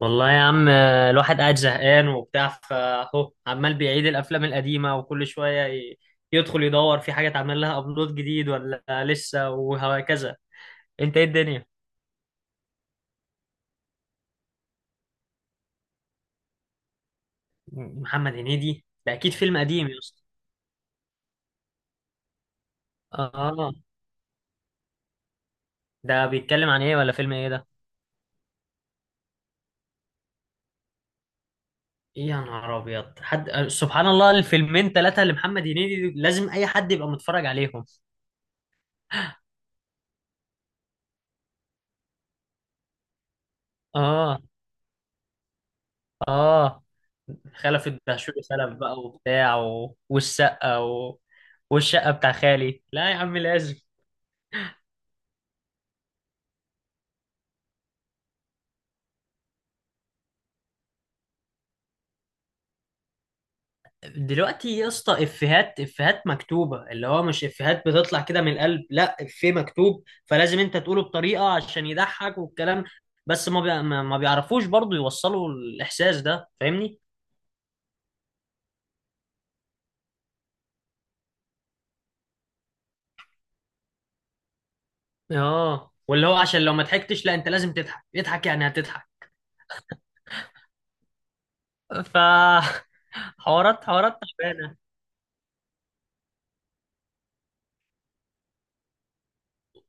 والله يا عم الواحد قاعد زهقان وبتاع فاهو عمال بيعيد الافلام القديمه وكل شويه يدخل يدور في حاجه اتعمل لها ابلود جديد ولا لسه وهكذا. انت ايه الدنيا؟ محمد هنيدي ده اكيد فيلم قديم يا اسطى. اه، ده بيتكلم عن ايه ولا فيلم ايه ده؟ إيه يا نهار ابيض حد، سبحان الله. الفيلمين ثلاثه لمحمد هنيدي لازم اي حد يبقى متفرج عليهم. اه. اه. خلفت بهشوم سلف بقى وبتاع والشقة والشقة بتاع خالي، لا يا عم لازم. دلوقتي يا اسطى افيهات افيهات مكتوبة، اللي هو مش افيهات بتطلع كده من القلب، لا افيه مكتوب فلازم انت تقوله بطريقة عشان يضحك والكلام. بس ما بي... ما ما بيعرفوش برضو يوصلوا الاحساس ده، فاهمني؟ اه، واللي هو عشان لو ما ضحكتش لا، انت لازم تضحك، اضحك يعني هتضحك. ف حوارات حوارات تعبانة.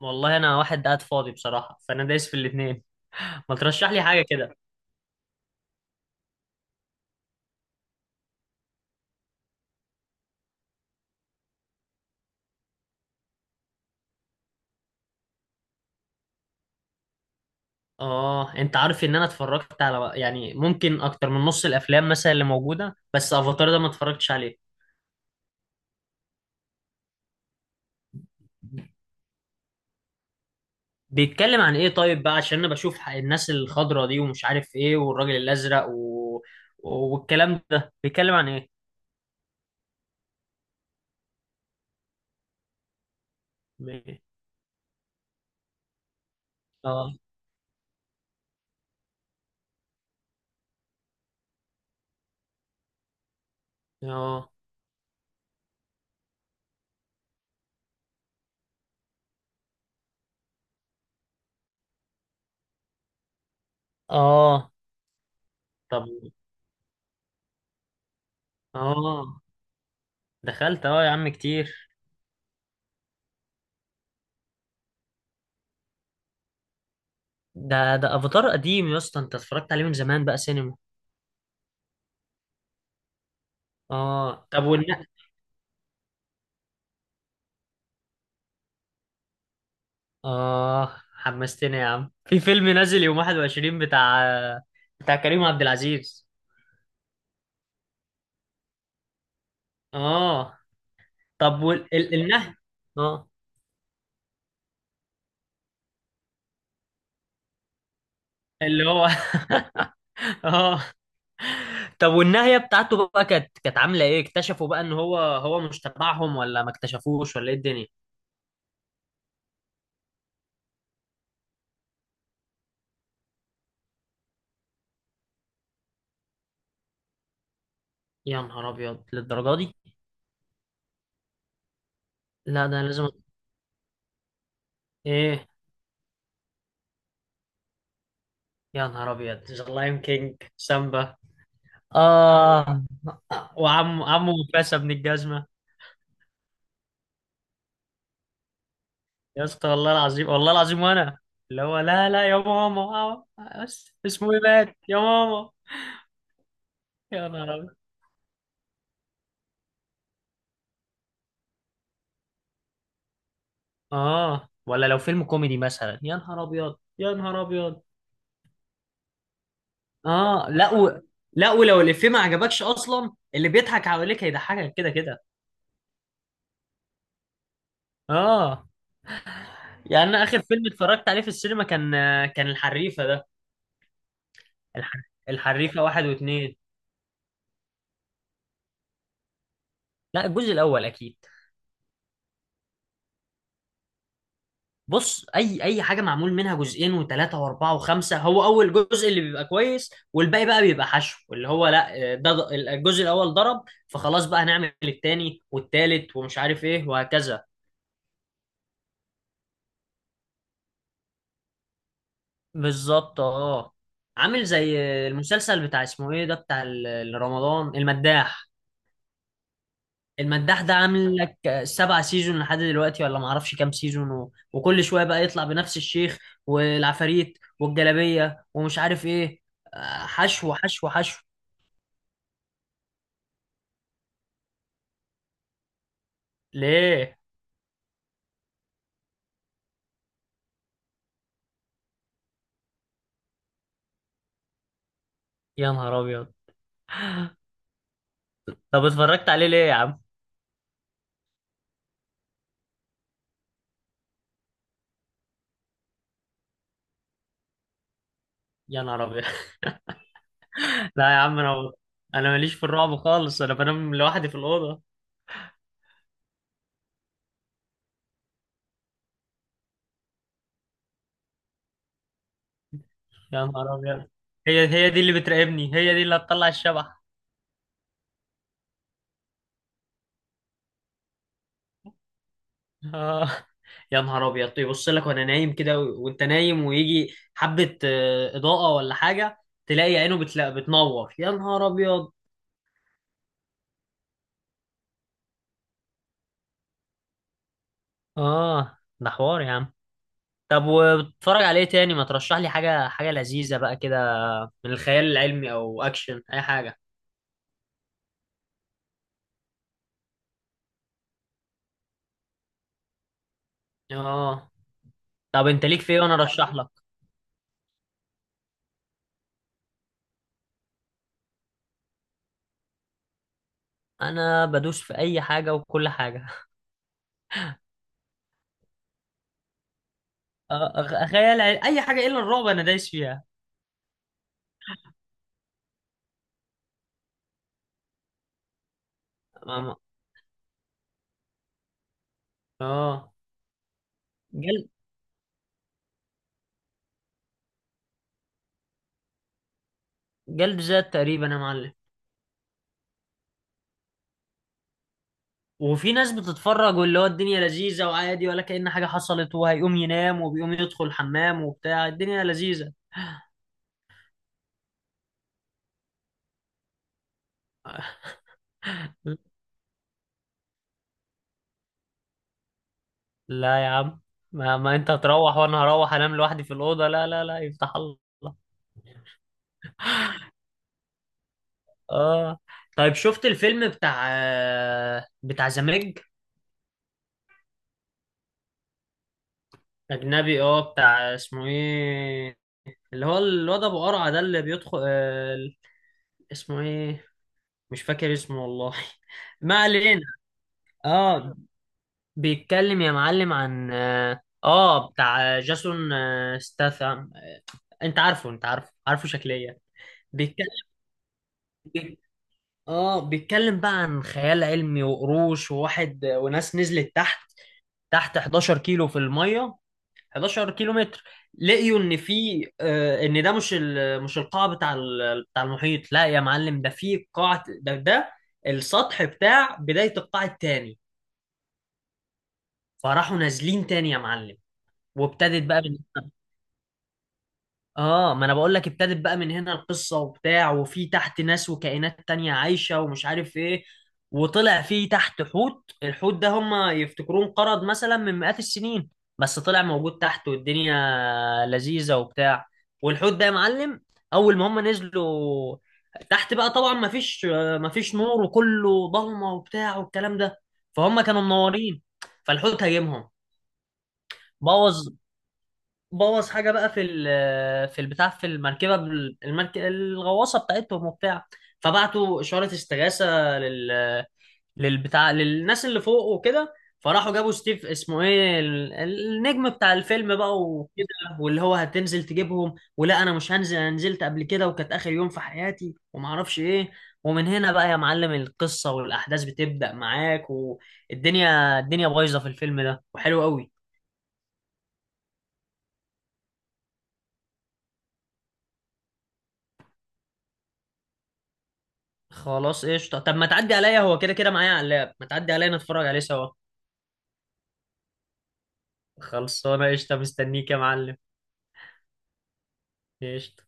والله انا واحد قاعد فاضي بصراحة، فانا دايس في الاتنين. ما ترشح لي حاجة كده. اه، انت عارف ان انا اتفرجت على يعني ممكن اكتر من نص الافلام مثلا اللي موجودة، بس افاتار ده ما اتفرجتش عليه. بيتكلم عن ايه طيب بقى؟ عشان انا بشوف الناس الخضرة دي ومش عارف ايه والراجل الازرق والكلام ده بيتكلم عن ايه؟ ب- اه. اه. اه. طب. اه، دخلت اه يا عم كتير. ده افاتار قديم يا اسطى، انت اتفرجت عليه من زمان بقى سينما. اه، طب والناس. آه، حمستني يا عم في فيلم نازل يوم 21، بتاع كريم عبد العزيز. آه، طب والنهي. آه، اللي هو. آه. طب والنهاية بتاعته بقى كانت عاملة إيه؟ اكتشفوا بقى إن هو مش تبعهم، ولا ما اكتشفوش، ولا إيه الدنيا؟ يا نهار أبيض للدرجة دي؟ لا ده أنا لازم. إيه؟ يا نهار أبيض، ذا لاين كينج سامبا. آه. وعم عمه مفاسة بن الجزمة. يا اسطى والله العظيم، والله العظيم. وانا اللي هو، لا لا يا ماما، بس اسمه ايه مات يا ماما. يا نهار ابيض. اه، ولا لو فيلم كوميدي مثلا يا نهار ابيض، يا نهار ابيض. اه. لا لا، ولو الافيه ما عجبكش اصلا اللي بيضحك حواليك هيضحكك كده كده. اه. يعني انا اخر فيلم اتفرجت عليه في السينما كان، الحريفه ده. الح... الحريفه واحد واثنين. لا، الجزء الاول اكيد. بص، اي حاجه معمول منها جزئين وثلاثه واربعه وخمسه، هو اول جزء اللي بيبقى كويس، والباقي بقى بيبقى حشو، اللي هو لا ده الجزء الاول ضرب، فخلاص بقى هنعمل التاني والتالت ومش عارف ايه وهكذا. بالظبط اه. عامل زي المسلسل بتاع اسمه ايه ده، بتاع رمضان المداح. المداح ده عامل لك سبعة سيزون لحد دلوقتي، ولا معرفش كام سيزون، وكل شوية بقى يطلع بنفس الشيخ والعفاريت والجلابية ومش عارف ايه. حشو حشو حشو. ليه؟ يا نهار ابيض. طب اتفرجت عليه ليه يا عم؟ يا نهار ابيض. لا يا عم، انا ماليش في الرعب خالص، انا بنام لوحدي في الأوضة. يا نهار ابيض. هي دي اللي بتراقبني، هي دي اللي هتطلع الشبح. آه. يا نهار ابيض، يبص لك وانا نايم كده، وانت نايم ويجي حبة اضاءة ولا حاجة. تلاقي عينه بتنور، يا نهار ابيض. اه، ده حوار يا عم. طب وبتتفرج على ايه تاني؟ ما ترشح لي حاجة، حاجة لذيذة بقى كده. من الخيال العلمي او اكشن، اي حاجة. اه، طب انت ليك في ايه وانا ارشح لك؟ انا بدوس في اي حاجة وكل حاجة. خيال علمي اي حاجة الا الرعب، انا دايس فيها. اه. آه. جلد، جلد ذات تقريبا يا معلم. وفي ناس بتتفرج، واللي هو الدنيا لذيذة وعادي ولا كأن حاجة حصلت، وهيقوم ينام وبيقوم يدخل الحمام وبتاع الدنيا لذيذة. لا يا عم. ما انت هتروح وانا هروح انام لوحدي في الأوضة، لا لا لا، يفتح الله. اه. طيب، شفت الفيلم بتاع، بتاع زمج؟ أجنبي اه، بتاع اسمه ايه، اللي هو الواد أبو قرعة ده اللي بيدخل، اسمه ايه؟ مش فاكر اسمه والله. ما علينا. اه، بيتكلم يا معلم عن بتاع جاسون ستاثام. انت عارفه، انت عارفه، عارفه شكليا. بيتكلم، بي- اه، بيتكلم بقى عن خيال علمي وقروش وواحد، وناس نزلت تحت، 11 كيلو في الميه، 11 كيلو متر. لقيوا ان في آه، ان ده مش مش القاع بتاع بتاع المحيط، لا يا معلم ده في قاع، ده ده السطح بتاع بداية القاع التاني. فراحوا نازلين تاني يا معلم. وابتدت بقى. اه، ما انا بقول لك، ابتدت بقى من هنا القصه وبتاع، وفي تحت ناس وكائنات تانية عايشه ومش عارف ايه. وطلع في تحت حوت، الحوت ده هم يفتكروه انقرض مثلا من مئات السنين، بس طلع موجود تحت والدنيا لذيذه وبتاع. والحوت ده يا معلم، اول ما هم نزلوا تحت بقى طبعا ما فيش، نور وكله ضلمه وبتاع والكلام ده، فهم كانوا منورين، فالحوت هاجمهم. بوظ، بوظ حاجه بقى في في البتاع، في المركبه، الغواصه بتاعتهم وبتاع. فبعتوا اشاره استغاثه للبتاع، للناس اللي فوق وكده. فراحوا جابوا ستيف اسمه ايه، النجم بتاع الفيلم بقى وكده. واللي هو هتنزل تجيبهم؟ ولا انا مش هنزل، انا نزلت قبل كده وكانت اخر يوم في حياتي وما اعرفش ايه. ومن هنا بقى يا معلم القصة والاحداث بتبدأ معاك، والدنيا، بايظة في الفيلم ده وحلو قوي. خلاص قشطة، طب ما تعدي عليا، هو كده كده معايا على اللاب، ما تعدي عليا نتفرج عليه سوا. خلصانة قشطة، مستنيك يا معلم. قشطة.